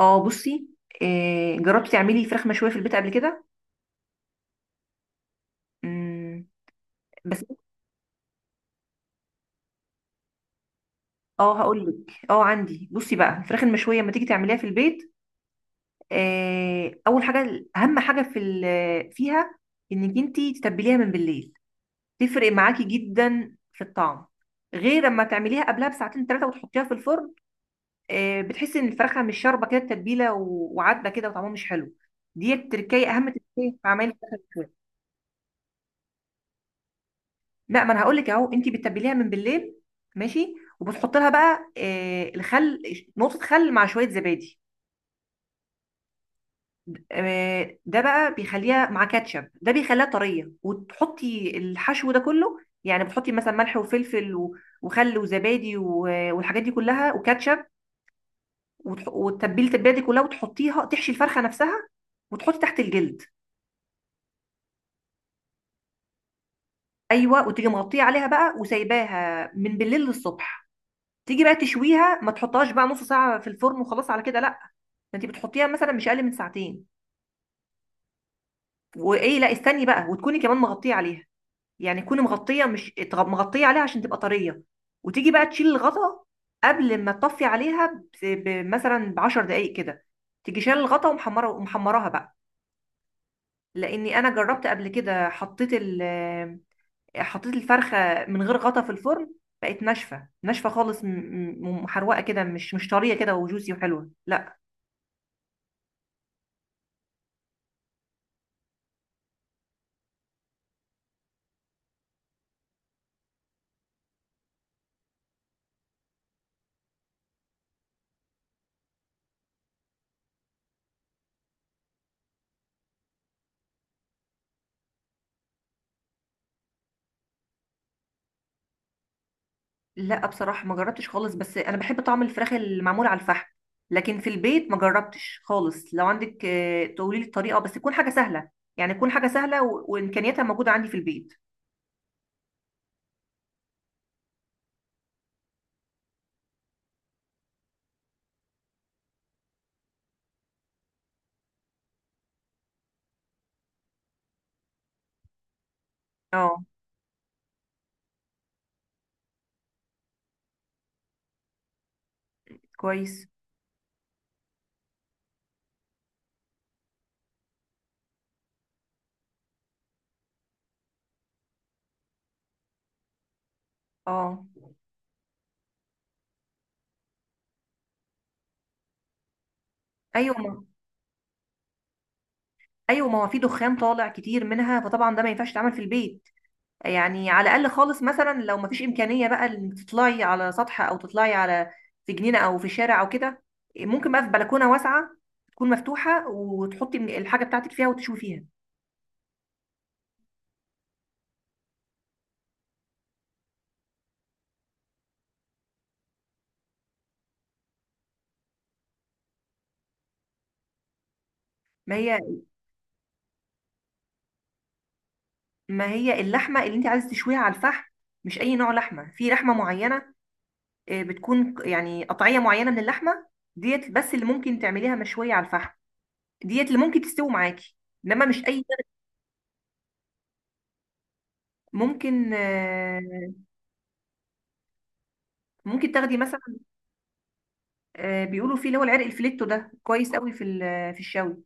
اه بصي. جربتي تعملي فراخ مشويه في البيت قبل كده؟ مم. بس. اه هقول لك، عندي. بصي بقى الفراخ المشويه لما تيجي تعمليها في البيت، اول حاجه اهم حاجه فيها انك انت تتبليها من بالليل، تفرق معاكي جدا في الطعم غير لما تعمليها قبلها بساعتين ثلاثه وتحطيها في الفرن. بتحسي ان الفرخه مش شاربه كده التتبيله وعدبه كده وطعمها مش حلو. دي التركية اهم تركية في عمل الفراخ المشوية. لا، ما انا هقول لك اهو، انت بتتبليها من بالليل، ماشي، وبتحط لها بقى الخل، نقطه خل مع شويه زبادي. ده بقى بيخليها مع كاتشب، ده بيخليها طريه، وتحطي الحشو ده كله. يعني بتحطي مثلا ملح وفلفل وخل وزبادي والحاجات دي كلها وكاتشب، وتتبلي التتبيله دي كلها وتحطيها تحشي الفرخه نفسها وتحطي تحت الجلد. ايوه، وتيجي مغطيه عليها بقى وسايباها من بالليل للصبح. تيجي بقى تشويها، ما تحطهاش بقى نص ساعه في الفرن وخلاص على كده، لا. انت بتحطيها مثلا مش اقل من ساعتين. وايه، لا استني بقى، وتكوني كمان مغطيه عليها. يعني تكوني مغطيه، مش اتغ- مغطيه عليها عشان تبقى طريه. وتيجي بقى تشيل الغطا قبل ما تطفي عليها مثلا ب 10 دقائق كده. تيجي شايله الغطا ومحمره، ومحمراها بقى. لاني انا جربت قبل كده، حطيت الفرخه من غير غطا في الفرن، بقت ناشفه ناشفه خالص، ومحروقه كده، مش طريه كده وجوسي وحلوه، لا. لا بصراحة ما جربتش خالص، بس أنا بحب طعم الفراخ المعمول على الفحم. لكن في البيت ما جربتش خالص. لو عندك تقولي لي الطريقة، بس تكون حاجة سهلة. يعني تكون حاجة سهلة وإمكانياتها موجودة عندي في البيت. اه. كويس. اه. أيوة ما، أيوة ما هو في دخان طالع كتير منها، فطبعا ده ما ينفعش يتعمل في البيت. يعني على الأقل خالص، مثلا لو ما فيش إمكانية بقى إنك تطلعي على سطح أو تطلعي على، في جنينة أو في شارع أو كده. ممكن بقى في بلكونة واسعة تكون مفتوحة، وتحطي الحاجة بتاعتك فيها وتشوي فيها. ما هي ما هي اللحمه اللي انت عايزه تشويها على الفحم، مش اي نوع لحمه. في لحمه معينه، بتكون يعني قطعيه معينه من اللحمه ديت، بس اللي ممكن تعمليها مشويه على الفحم، ديت اللي ممكن تستوي معاكي. انما مش اي. ممكن. ممكن تاخدي مثلا، بيقولوا فيه اللي هو العرق الفليتو ده، كويس قوي في الشوي.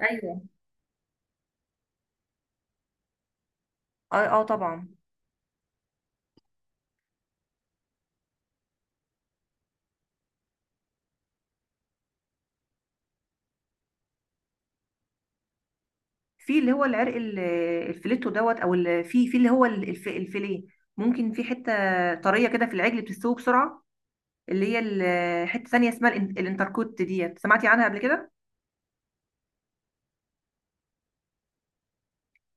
ايوه. اه اه طبعا. في اللي هو العرق الفليتو دوت، في في اللي هو الفيليه. ممكن، في حته طريه كده في العجل بتستوي بسرعه، اللي هي حتة تانية اسمها الانتركوت ديت، سمعتي عنها قبل كده؟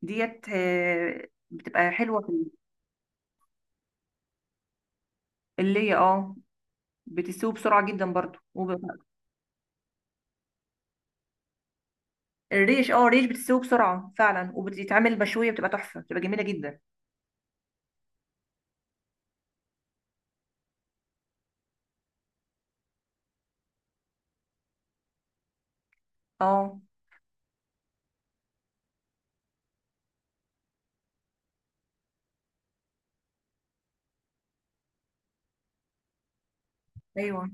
ديت بتبقى حلوة اللي هي اه بتسوي بسرعة جدا برضو الريش اه، الريش بتسوي بسرعة فعلا وبتتعمل مشوية بتبقى تحفة بتبقى جميلة جدا. اه. ايوه.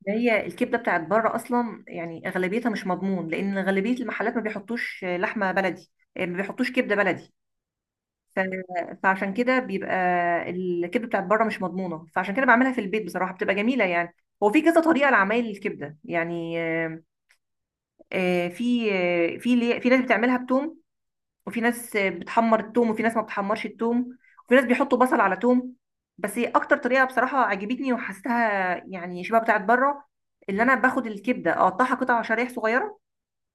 ده هي الكبدة بتاعت بره اصلا، يعني اغلبيتها مش مضمون. لان غالبية المحلات ما بيحطوش لحمة بلدي، ما بيحطوش كبدة بلدي. ف- فعشان كده بيبقى الكبده بتاعت بره مش مضمونه، فعشان كده بعملها في البيت بصراحه بتبقى جميله يعني. هو في كذا طريقه لعمايل الكبده، يعني في ناس بتعملها بتوم، وفي ناس بتحمر التوم، وفي ناس ما بتحمرش التوم، وفي ناس بيحطوا بصل على توم. بس هي اكتر طريقه بصراحه عجبتني وحسيتها يعني شبه بتاعت بره، اللي انا باخد الكبده اقطعها قطع، شرايح صغيره،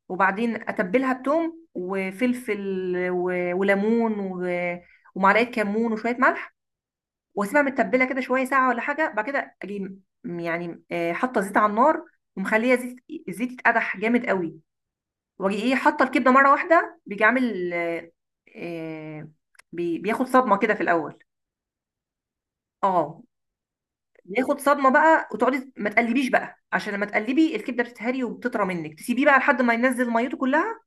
وبعدين اتبلها بتوم وفلفل و... وليمون و... ومعلقه كمون وشويه ملح، واسيبها متبله كده شويه ساعه ولا حاجه. بعد كده اجي يعني، حاطه زيت على النار ومخليه زيت، الزيت يتقدح جامد قوي، واجي ايه حاطه الكبده مره واحده. بيجي عامل آه، بياخد صدمه كده في الاول. اه، بياخد صدمه بقى وتقعدي ما تقلبيش بقى، عشان لما تقلبي الكبده بتتهري وبتطرى منك. تسيبيه بقى لحد ما ينزل ميته كلها،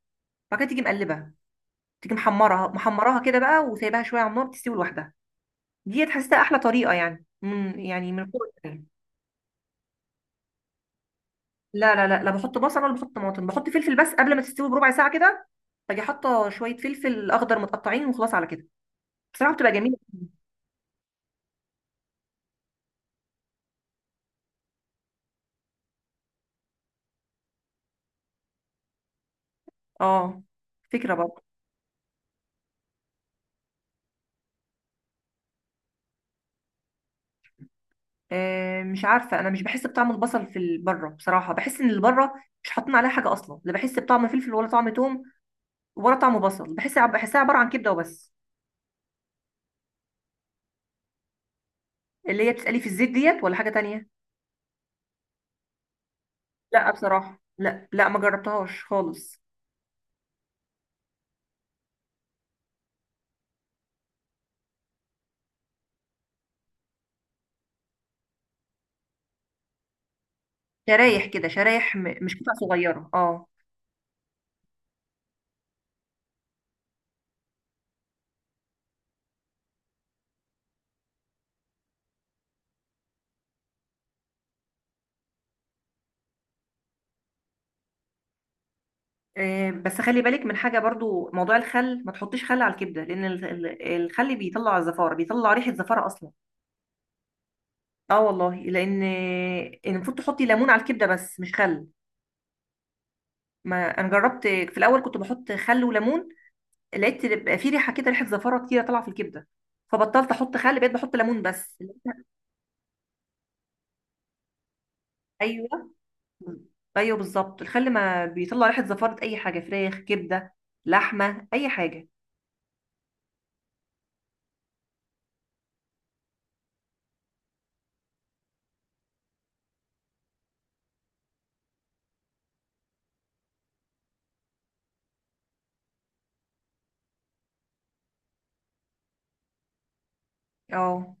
بعد كده تيجي مقلبه، تيجي محمرها، محمراها كده بقى وسايباها شويه على النار تستوي لوحدها. ديت حاسه احلى طريقه، يعني من فوق التاني. لا لا لا لا، بحط بصل ولا بحط طماطم، بحط فلفل بس قبل ما تستوي بربع ساعه كده، باجي حاطه شويه فلفل اخضر متقطعين وخلاص على كده، بصراحه بتبقى جميله. اه، فكره برضه. مش عارفه، انا مش بحس بطعم البصل بره. بصراحه بحس ان اللي بره مش حاطين عليها حاجه اصلا، لا بحس بطعم فلفل ولا طعم توم ولا طعم بصل، بحس بحسها عباره عن كبده وبس. اللي هي بتسالي في الزيت ديت، ولا حاجه تانية؟ لا بصراحة، لا لا ما جربتهاش خالص. شرايح كده شرايح مش قطع صغيرة، اه. إيه، بس خلي بالك من حاجة برضو، موضوع الخل ما تحطيش خل على الكبدة، لأن الخل بيطلع الزفارة، بيطلع ريحة زفارة أصلا. اه والله، إن المفروض تحطي ليمون على الكبدة بس مش خل. ما أنا جربت في الأول كنت بحط خل وليمون، لقيت بقى في ريحة كده، ريحة زفارة كتيرة طالعة في الكبدة، فبطلت أحط خل، بقيت بحط ليمون بس. أيوه. مم. ايوه بالظبط، الخل ما بيطلع ريحه زفاره اي حاجه، فراخ، كبده، لحمه، اي حاجه. اه.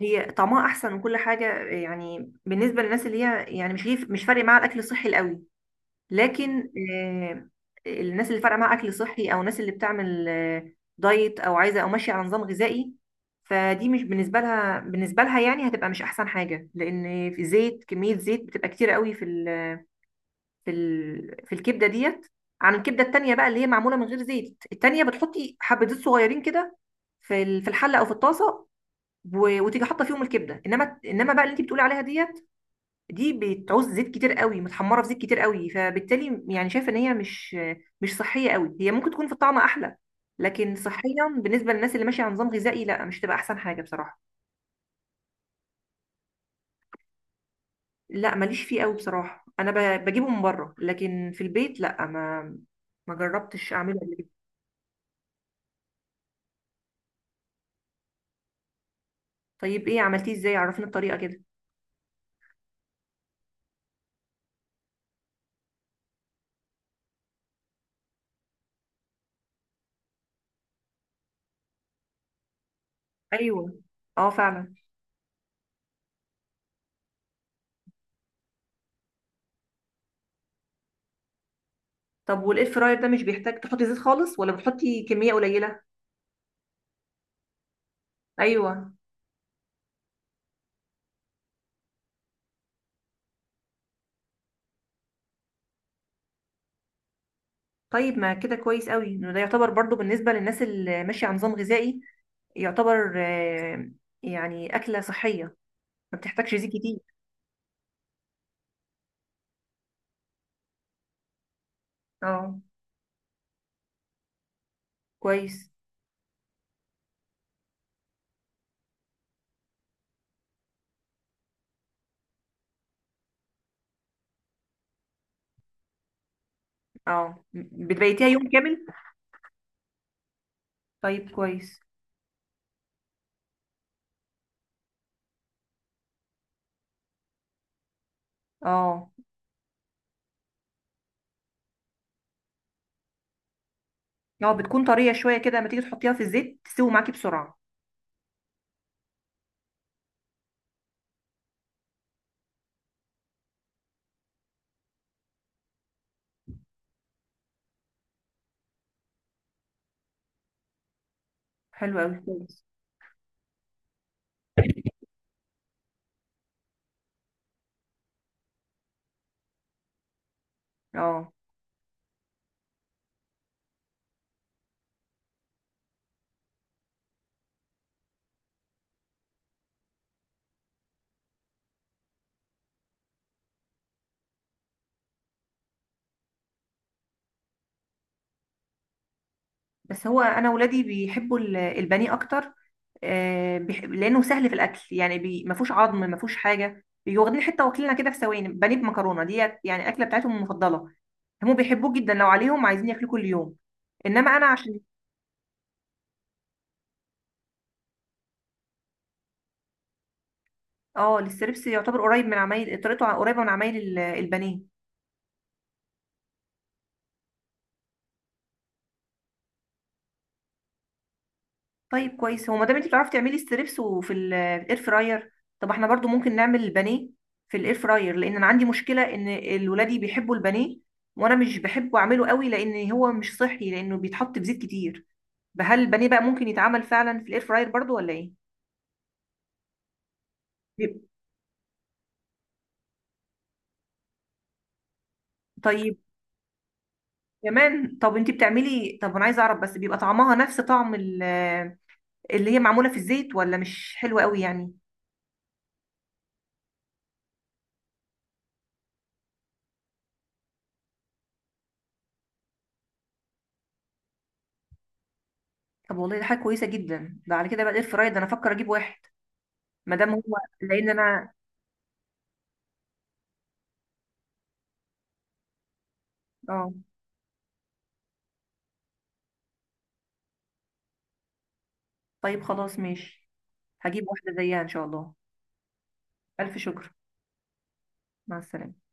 هي طعمها احسن وكل حاجه، يعني بالنسبه للناس اللي هي يعني مش ليه، مش فارق معاها الاكل الصحي القوي. لكن الناس اللي فارقه معاها اكل صحي، او الناس اللي بتعمل دايت، او عايزه او ماشيه على نظام غذائي، فدي مش بالنسبه لها. بالنسبه لها يعني هتبقى مش احسن حاجه، لان في زيت، كميه زيت بتبقى كتير قوي في الكبده ديت عن الكبده التانيه بقى اللي هي معموله من غير زيت. التانيه بتحطي حبه زيت صغيرين كده في الحله او في الطاسه، و... وتيجي حاطه فيهم الكبده. انما بقى اللي انت بتقولي عليها ديت، دي بتعوز زيت كتير قوي، متحمره في زيت كتير قوي، فبالتالي يعني شايفه ان هي مش صحيه قوي. هي ممكن تكون في الطعم احلى، لكن صحيا بالنسبه للناس اللي ماشيه على نظام غذائي لا، مش تبقى احسن حاجه بصراحه. لا ماليش فيه قوي بصراحه، انا بجيبه من بره، لكن في البيت لا، ما جربتش اعمله قبل كده. طيب ايه، عملتيه ازاي؟ عرفينا الطريقه كده. ايوه. اه فعلا. طب والاير فراير ده مش بيحتاج تحطي زيت خالص، ولا بتحطي كميه قليله؟ ايوه. طيب ما كده كويس قوي، انه ده يعتبر برضو بالنسبه للناس اللي ماشيه على نظام غذائي، يعتبر يعني اكله صحيه، ما بتحتاجش زيت كتير. اه. كويس. اه، بتبيتيها يوم كامل؟ طيب كويس. اه. اه، بتكون طريه شويه كده، لما تيجي تحطيها في الزيت تستوي معاكي بسرعه. حلو قوي، كويس. اه. بس هو انا ولادي بيحبوا البانيه اكتر، لانه سهل في الاكل. يعني ما فيهوش عظم، ما فيهوش حاجه، بيجوا واخدين حته واكلينها كده في ثواني. بانيه بمكرونه ديت يعني اكله بتاعتهم المفضله، هم بيحبوه جدا، لو عليهم عايزين ياكلوه كل يوم. انما انا عشان. اه. الستريبس يعتبر قريب، من عمايل طريقته قريبه من عمايل البانيه. طيب كويس. هو ما دام انت بتعرفي تعملي ستريبس وفي الاير فراير، طب احنا برضو ممكن نعمل البانيه في الاير فراير. لان انا عندي مشكله ان الولادي بيحبوا البانيه، وانا مش بحبه اعمله قوي لان هو مش صحي، لانه بيتحط بزيت كتير. فهل البانيه بقى ممكن يتعمل فعلا في الاير فراير برضو ولا ايه؟ بيب- طيب. كمان. طب انت بتعملي. طب انا عايزه اعرف بس، بيبقى طعمها نفس طعم اللي هي معموله في الزيت، ولا مش حلوه قوي يعني؟ طب والله ده حاجه كويسه جدا. ده على كده بقى الاير فراير ده انا افكر اجيب واحد، ما دام هو، لان انا. اه. طيب خلاص، ماشي. هجيب واحدة زيها ان شاء الله. ألف شكر. مع السلامة.